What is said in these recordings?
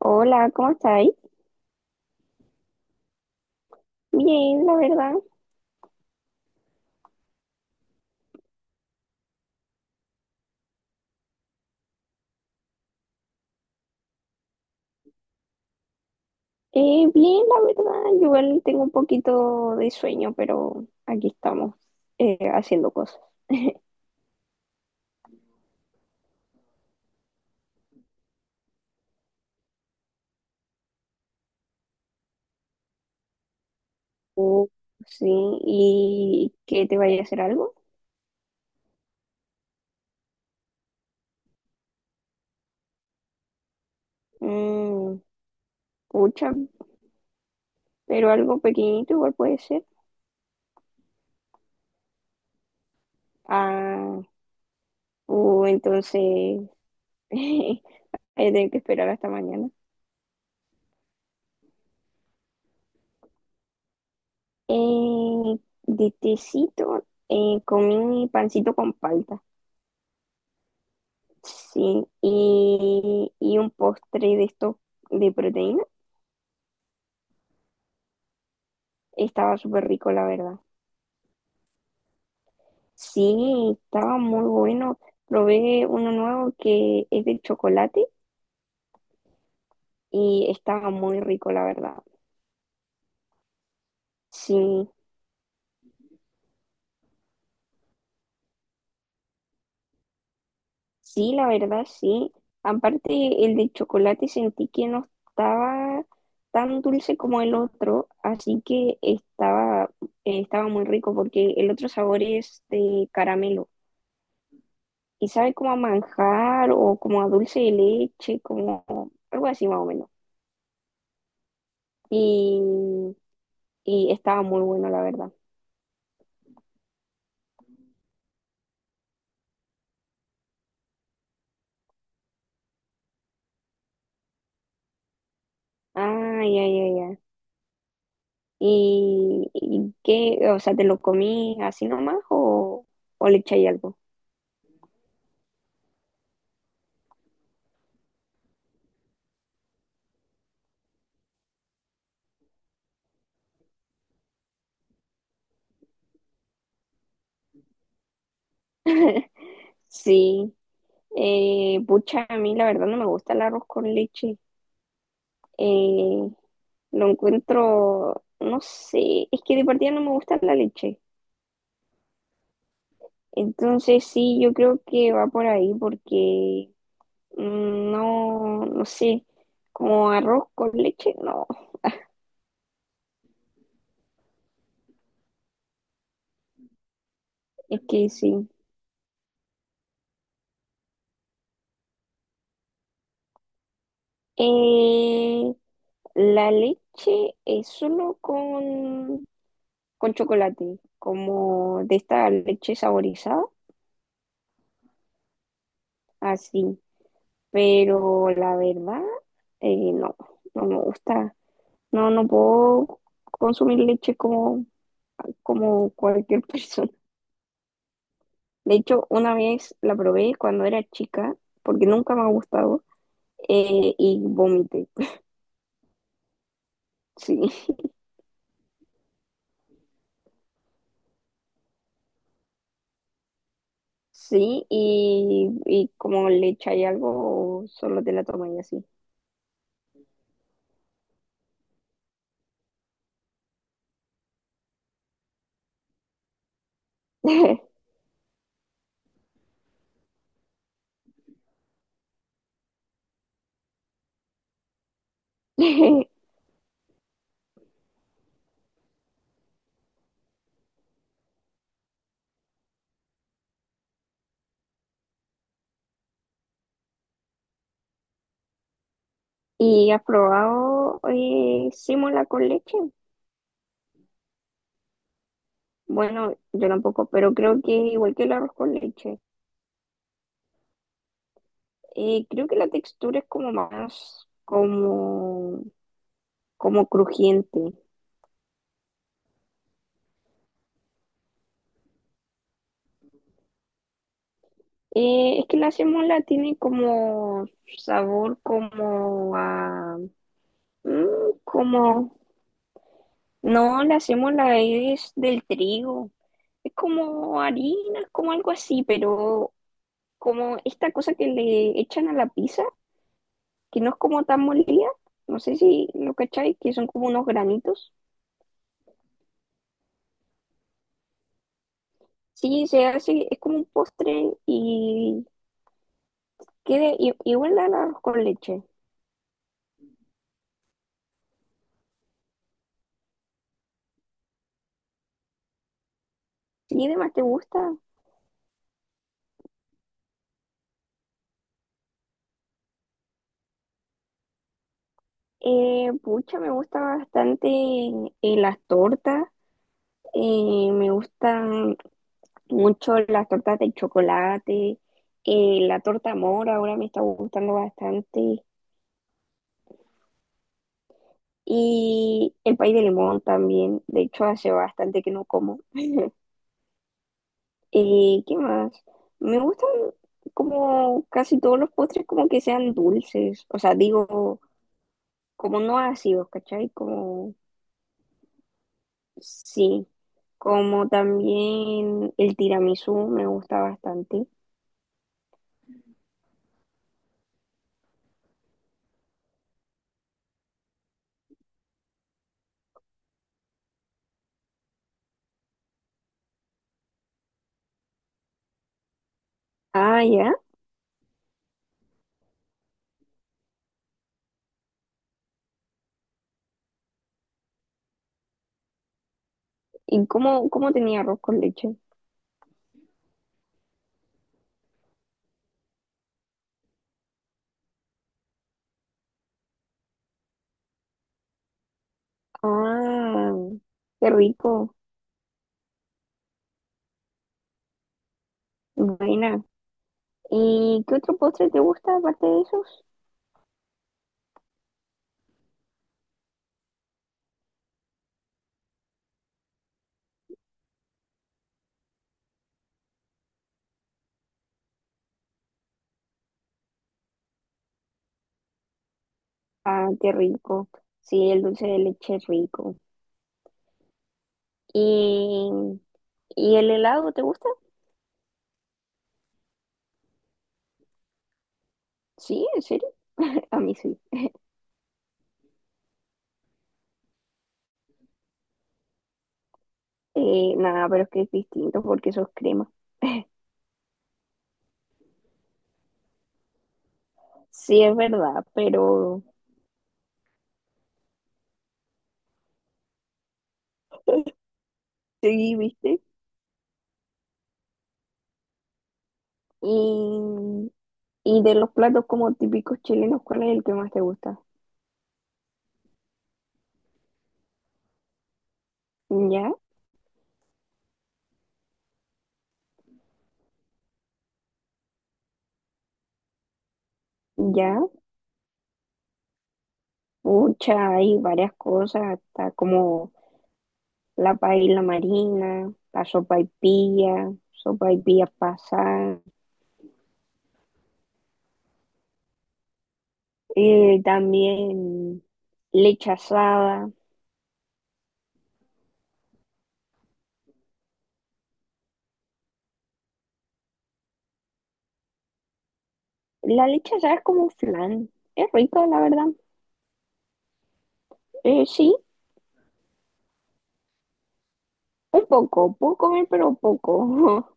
Hola, ¿cómo estáis? Bien, la verdad. Bien, la verdad. Yo igual tengo un poquito de sueño, pero aquí estamos haciendo cosas. Uh, sí, ¿y qué te vaya a hacer algo? Mm, pucha, pero algo pequeñito igual puede ser. Ah, entonces voy a tener que esperar hasta mañana. Eh, de tecito, comí pancito con palta. Sí, y un postre de esto de proteína. Estaba súper rico, la verdad. Sí, estaba muy bueno. Probé uno nuevo que es de chocolate y estaba muy rico, la verdad. Sí, sí, la verdad, sí. Aparte, el de chocolate sentí que no estaba tan dulce como el otro, así que estaba muy rico porque el otro sabor es de caramelo. Y sabe como a manjar o como a dulce de leche, como algo así más o menos. Y, y estaba muy bueno, la verdad. Ay, ay, ay, ay. Y qué? O sea, ¿te lo comí así nomás o le echáis algo? Sí. Pucha, a mí la verdad no me gusta el arroz con leche. Eh, lo encuentro, no sé, es que de partida no me gusta la leche. Entonces sí, yo creo que va por ahí porque mm, no, no sé, como arroz con leche, no, es que sí. Eh, la leche es solo con chocolate, como de esta leche saborizada, así. Pero la verdad, no, no me gusta. No, no puedo consumir leche como cualquier persona. De hecho, una vez la probé cuando era chica, porque nunca me ha gustado, y vomité. Sí, sí, y como le echáis algo, solo te la tomáis así. ¿Y has probado símola con leche? Bueno, yo tampoco, pero creo que es igual que el arroz con leche. Creo que la textura es como más, como, como crujiente. Es que la sémola tiene como sabor como a... Mm, como... No, la sémola es del trigo. Es como harina, es como algo así, pero como esta cosa que le echan a la pizza, que no es como tan molida, no sé si lo cacháis, que son como unos granitos. Sí, se hace, es como un postre y queda igual al arroz con leche. ¿Y además te gusta? Pucha, me gusta bastante las tortas, me gustan mucho las tortas de chocolate, la torta mora ahora me está gustando bastante. Y el pay de limón también. De hecho, hace bastante que no como. Y ¿qué más? Me gustan como casi todos los postres como que sean dulces. O sea, digo, como no ácidos, ¿cachai? Como, sí. Como también el tiramisú me gusta bastante. Ah, ya. ¿Y cómo tenía arroz con leche? Ah, qué rico. Buena. ¿Y qué otro postre te gusta aparte de esos? Ah, qué rico. Sí, el dulce de leche es rico. ¿Y, ¿Y el helado te gusta? Sí, ¿en serio? A mí sí. Nada, pero es que es distinto porque eso es crema. Sí, es verdad, pero sí, ¿viste? Y, y de los platos como típicos chilenos, ¿cuál es el que más te gusta? ¿Ya? ¿Ya? Pucha, hay varias cosas, hasta como la paella marina, la sopaipilla, sopaipilla pasada. También leche asada. La leche asada es como un flan. Es rico, la verdad. Sí, un poco. Puedo comer, pero poco.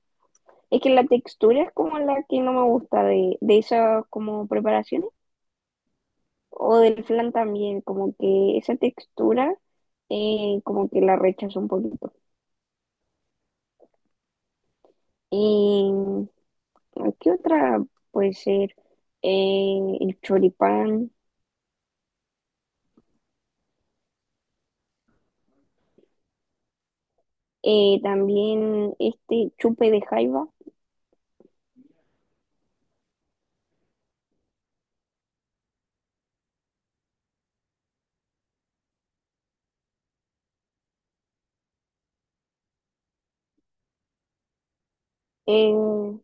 Es que la textura es como la que no me gusta de esas como preparaciones. O del flan también, como que esa textura como que la rechazo un poquito. Y ¿qué otra puede ser? El choripán. También este chupe de jaiba. eh,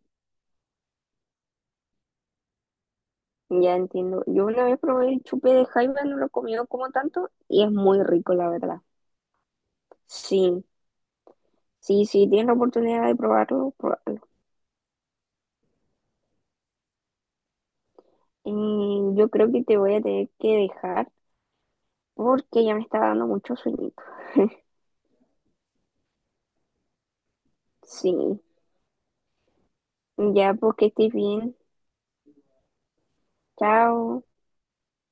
Ya entiendo. Yo una vez probé el chupe de jaiba, no lo he comido como tanto y es muy rico, la verdad. Sí, sí, sí, tienes la oportunidad de probarlo, probarlo. Y yo creo que te voy a tener que dejar porque ya me está dando mucho sueñito. Sí, ya, porque estés bien. Chao.